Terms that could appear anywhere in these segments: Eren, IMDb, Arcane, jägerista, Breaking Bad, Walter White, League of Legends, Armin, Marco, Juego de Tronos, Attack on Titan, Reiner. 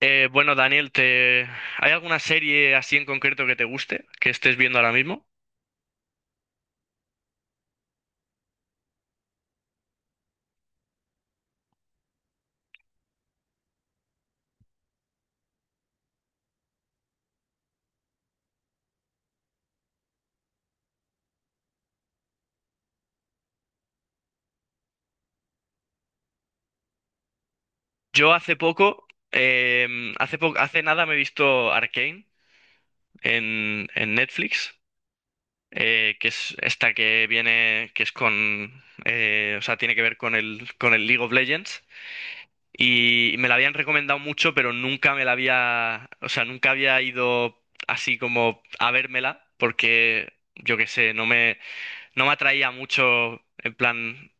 Bueno, Daniel, te... ¿hay alguna serie así en concreto que te guste, que estés viendo ahora mismo? Yo hace poco, hace nada me he visto Arcane en Netflix, que es esta que viene, que es con, o sea, tiene que ver con el League of Legends. Y me la habían recomendado mucho, pero nunca me la había, o sea, nunca había ido así como a vérmela, porque yo qué sé, no me, no me atraía mucho, en plan.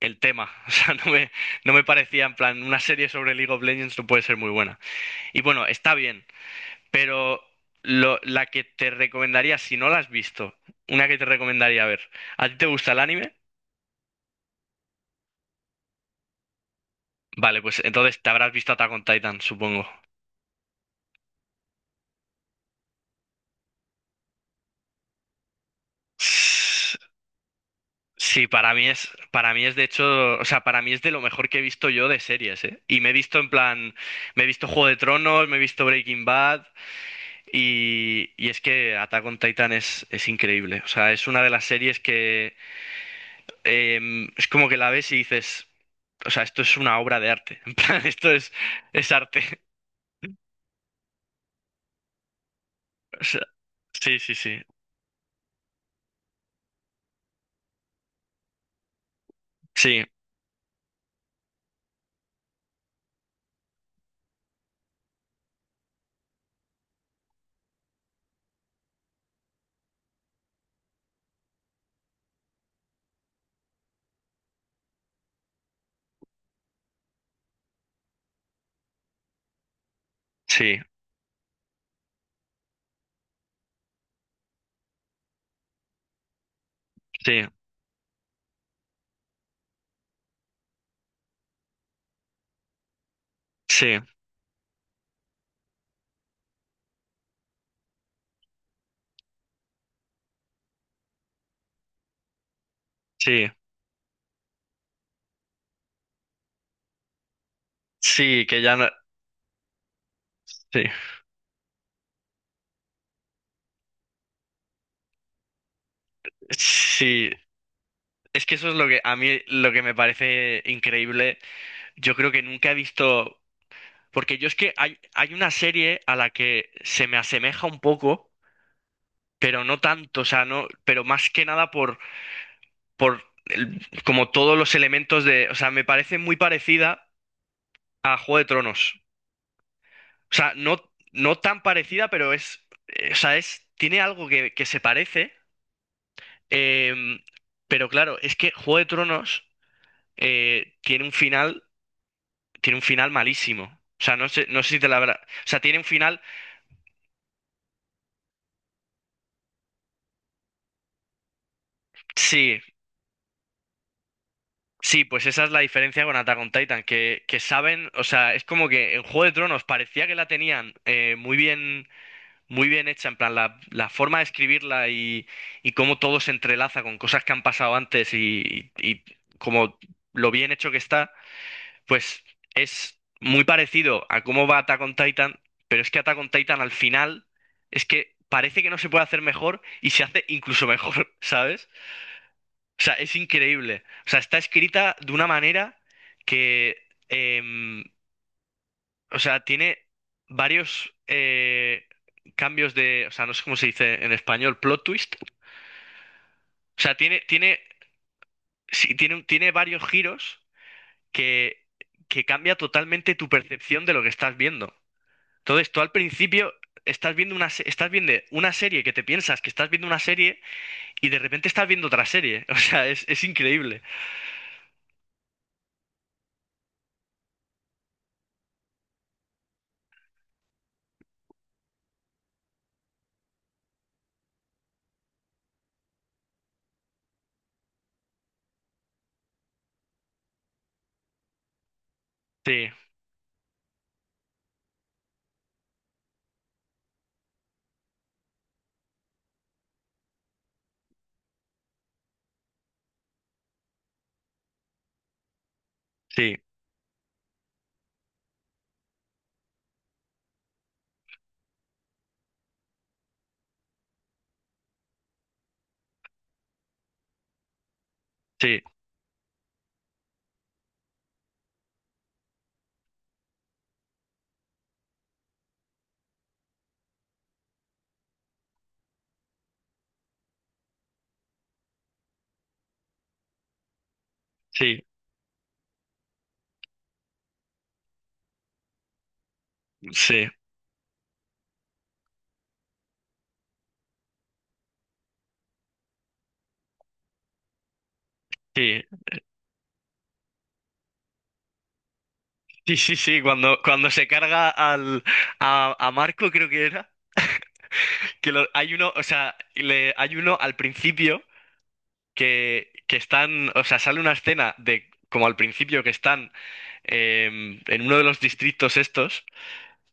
El tema. O sea, no me, no me parecía en plan, una serie sobre League of Legends no puede ser muy buena. Y bueno, está bien, pero la que te recomendaría, si no la has visto, una que te recomendaría ver. ¿A ti te gusta el anime? Vale, pues entonces te habrás visto Attack on Titan, supongo. S- Sí, para mí es de hecho, o sea, para mí es de lo mejor que he visto yo de series, ¿eh? Y me he visto en plan, me he visto Juego de Tronos, me he visto Breaking Bad, y es que Attack on Titan es increíble. O sea, es una de las series que es como que la ves y dices, o sea, esto es una obra de arte. En plan, esto es arte. O sea, sí, sí, sí. Sí, sí, sí, sí, sí. Sí, que ya no. Sí. Sí. Es que eso es lo que a mí lo que me parece increíble. Yo creo que nunca he visto. Porque yo es que hay una serie a la que se me asemeja un poco pero no tanto, o sea, no, pero más que nada por, como todos los elementos de, o sea, me parece muy parecida a Juego de Tronos. O sea, no, no tan parecida, pero es, o sea, es, tiene algo que se parece, em, pero claro, es que Juego de Tronos eh, tiene un final, tiene un final malísimo. O sea, no sé, no sé si te la habrá, o sea, tiene un final, sí, sí, pues esa es la diferencia con Attack on Titan, que saben, o sea, es como que en Juego de Tronos parecía que la tenían muy bien hecha, en plan, la forma de escribirla y cómo todo se entrelaza con cosas que han pasado antes y como lo bien hecho que está, pues es muy parecido a cómo va Attack on Titan, pero es que Attack on Titan al final es que parece que no se puede hacer mejor y se hace incluso mejor, ¿sabes? O sea, es increíble. O sea, está escrita de una manera que, em, o sea, tiene varios cambios de, o sea, no sé cómo se dice en español, plot twist. O sea, tiene, tiene, sí, tiene, tiene varios giros que, que cambia totalmente tu percepción de lo que estás viendo. Entonces, tú al principio estás viendo una, estás viendo una serie que te piensas que estás viendo una serie y de repente estás viendo otra serie. O sea, es increíble. Sí, sí, sí, sí, sí. Sí, sí, sí, sí, cuando, cuando se carga al, a Marco, creo que era, hay uno, o sea, le, hay uno al principio que están, o sea, sale una escena de como al principio que están en uno de los distritos estos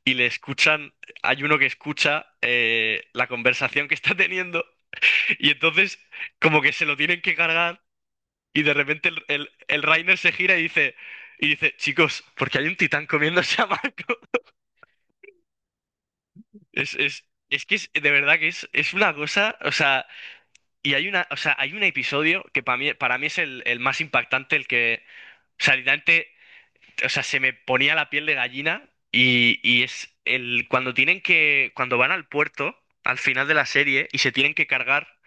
y le escuchan, hay uno que escucha la conversación que está teniendo y entonces como que se lo tienen que cargar y de repente el Reiner se gira y dice, chicos, porque hay un titán comiéndose a Marco. Es que es, de verdad que es una cosa, o sea, y hay una, o sea, hay un episodio que para mí es el más impactante, el que, o sea, literalmente, o sea, se me ponía la piel de gallina y es el, cuando tienen que, cuando van al puerto, al final de la serie, y se tienen que cargar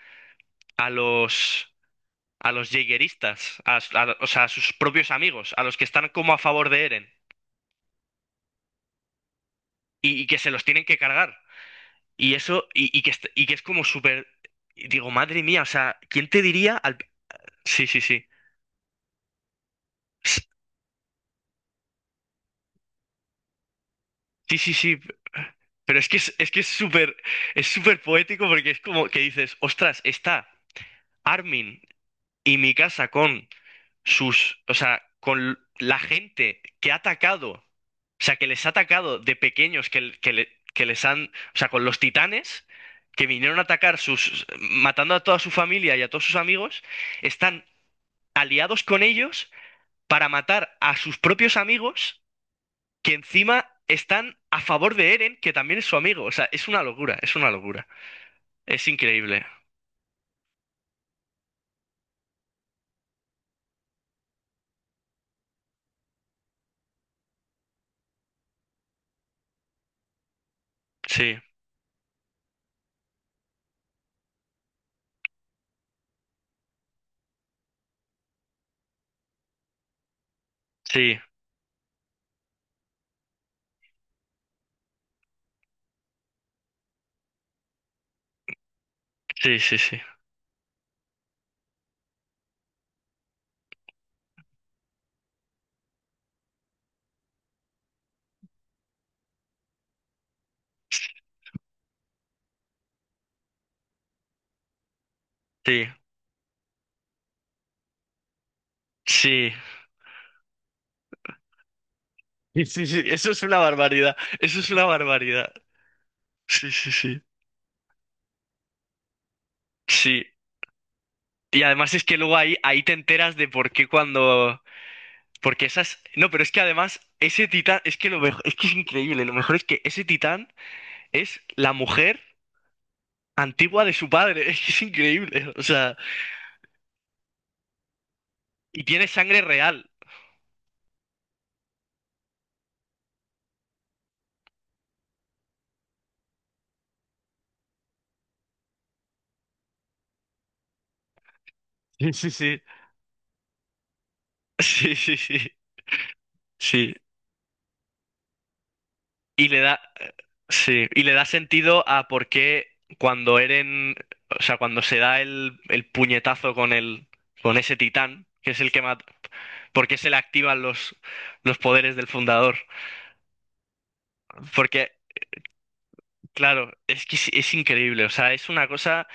a los, a los jägeristas, o sea, a sus propios amigos, a los que están como a favor de Eren, y que se los tienen que cargar. Y eso, y que, y que es como súper... Y digo, madre mía, o sea, ¿quién te diría al... Sí, sí, sí. S- Sí, sí, sí. Pero es que es súper poético porque es como que dices, ostras, está Armin y mi casa con sus, o sea, con la gente que ha atacado, o sea, que les ha atacado de pequeños, que, l- que, le- que les han, o sea, con los titanes, que vinieron a atacar sus, matando a toda su familia y a todos sus amigos, están aliados con ellos para matar a sus propios amigos que encima están a favor de Eren, que también es su amigo. O sea, es una locura, es una locura. Es increíble. Sí, sí, sí, sí, sí, sí, sí. Sí, sí, sí, eso es una barbaridad, eso es una barbaridad. Sí, sí, sí. Sí. Y además es que luego ahí, ahí te enteras de por qué cuando... Porque esas... No, pero es que además ese titán, es que lo mejor, es que es increíble, lo mejor es que ese titán es la mujer antigua de su padre, es que es increíble, o sea... Y tiene sangre real. Sí, sí, sí. Sí, sí, sí. Sí. Y le da, sí, y le da sentido a por qué cuando Eren, o sea, cuando se da el puñetazo con el, con ese titán, que es el que mata, por qué se le activan los poderes del fundador. Porque, claro, es que es increíble. O sea, es una cosa,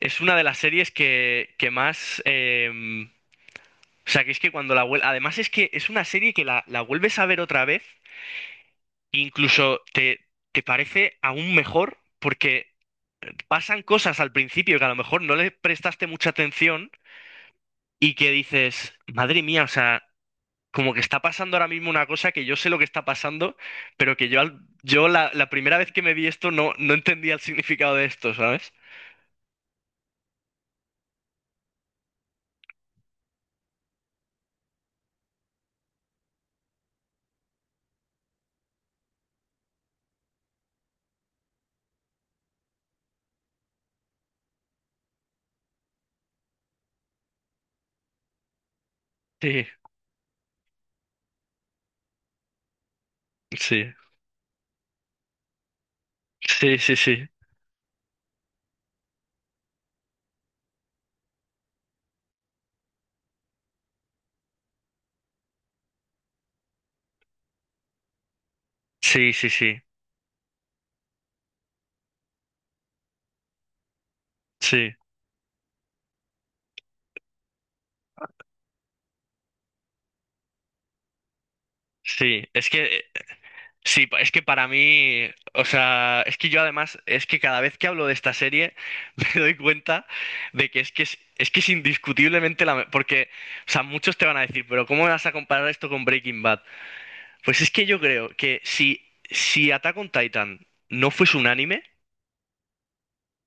es una de las series que más, o sea, que es que cuando la vuelve, además es que es una serie que la vuelves a ver otra vez, incluso te, te parece aún mejor porque pasan cosas al principio que a lo mejor no le prestaste mucha atención y que dices, madre mía, o sea, como que está pasando ahora mismo una cosa que yo sé lo que está pasando, pero que yo, yo la, la primera vez que me vi esto no, no entendía el significado de esto, ¿sabes? Sí, sí, sí, sí, sí, sí, sí, sí, sí, sí. Es que sí, es que para mí, o sea, es que yo además, es que cada vez que hablo de esta serie me doy cuenta de que es que es indiscutiblemente la... Porque, o sea, muchos te van a decir, pero ¿cómo vas a comparar esto con Breaking Bad? Pues es que yo creo que si, si Attack on Titan no fuese un anime,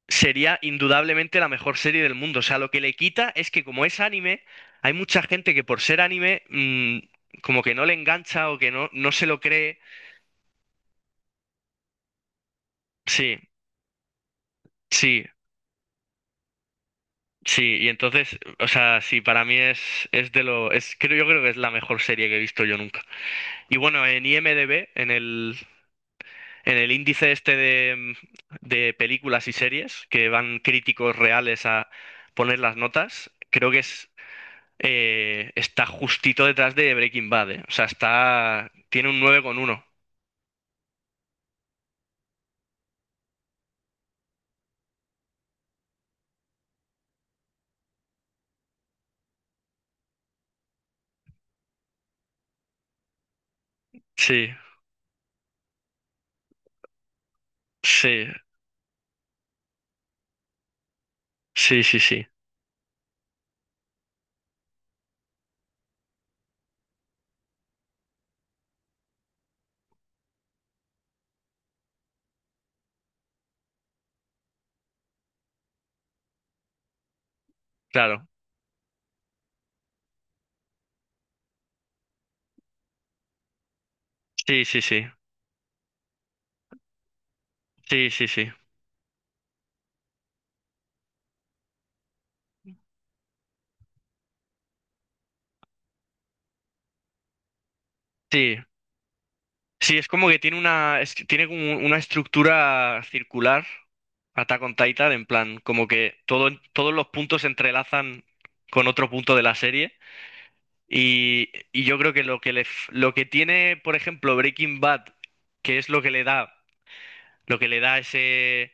sería indudablemente la mejor serie del mundo. O sea, lo que le quita es que como es anime, hay mucha gente que por ser anime, como que no le engancha o que no, no se lo cree. Sí. Sí, sí, y entonces, o sea, sí, para mí es de lo, es, creo, yo creo que es la mejor serie que he visto yo nunca. Y bueno, en IMDb, en el índice este de películas y series, que van críticos reales a poner las notas, creo que es, está justito detrás de Breaking Bad, eh. O sea, está, tiene un 9,1. Sí, sí, sí, sí, sí, claro. Sí, sí, sí, sí, sí, sí. Sí, sí, es como que tiene una, es que tiene como una estructura circular, Attack on Titan, en plan, como que todo, todos los puntos se entrelazan con otro punto de la serie. Y yo creo que lo que le, lo que tiene, por ejemplo, Breaking Bad, que es lo que le da, lo que le da ese,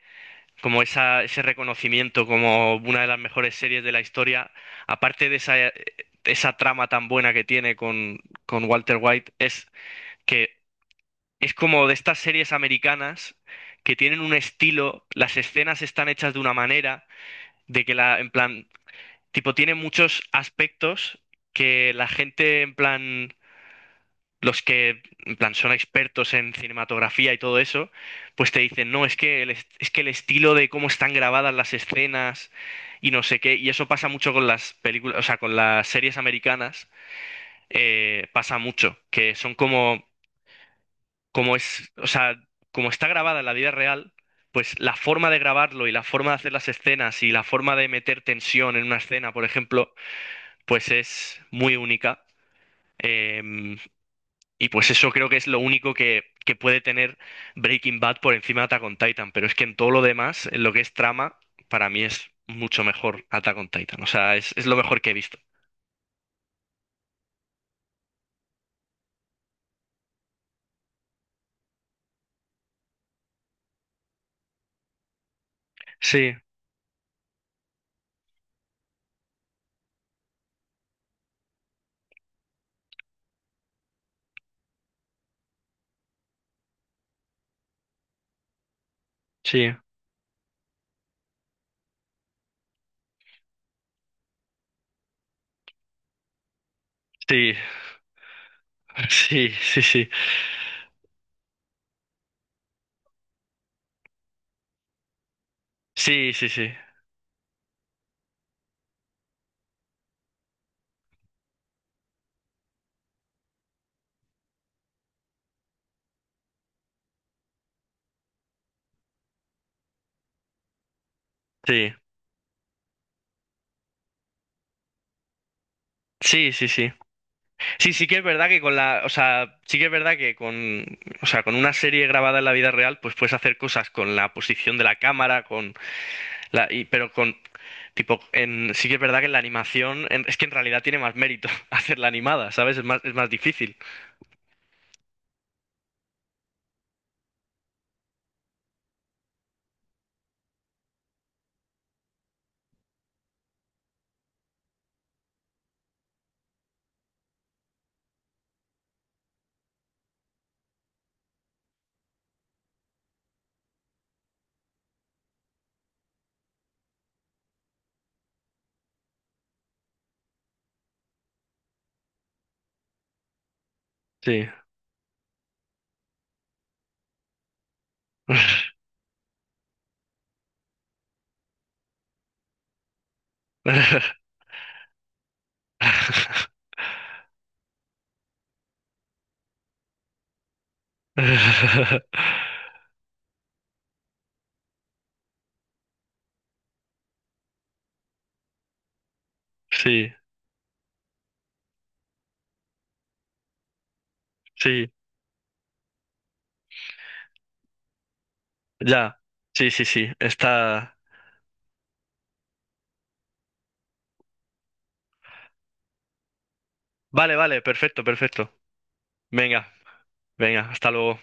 como esa, ese reconocimiento como una de las mejores series de la historia, aparte de esa, esa trama tan buena que tiene con Walter White, es que es como de estas series americanas que tienen un estilo, las escenas están hechas de una manera, de que la, en plan, tipo, tiene muchos aspectos que la gente, en plan, los que, en plan, son expertos en cinematografía y todo eso, pues te dicen, no, es que el, es que el estilo de cómo están grabadas las escenas y no sé qué, y eso pasa mucho con las películas, o sea, con las series americanas, pasa mucho, que son como como es, o sea, como está grabada en la vida real, pues la forma de grabarlo y la forma de hacer las escenas y la forma de meter tensión en una escena, por ejemplo, pues es muy única. Eh, y pues eso creo que es lo único que puede tener Breaking Bad por encima de Attack on Titan. Pero es que en todo lo demás, en lo que es trama, para mí es mucho mejor Attack on Titan. O sea, es lo mejor que he visto. Sí, sí, sí, sí, sí, sí, sí, sí, sí, sí, sí, sí. Sí. Sí, sí que es verdad que con la, o sea, sí que es verdad que con, o sea, con una serie grabada en la vida real, pues puedes hacer cosas con la posición de la cámara, con la, pero con, tipo, en, sí que es verdad que en la animación, es que en realidad tiene más mérito hacerla animada, ¿sabes? Es más difícil. Sí. Sí, sí, ya. Sí, sí, sí, está. Vale, vale, perfecto, perfecto. Venga, venga, hasta luego.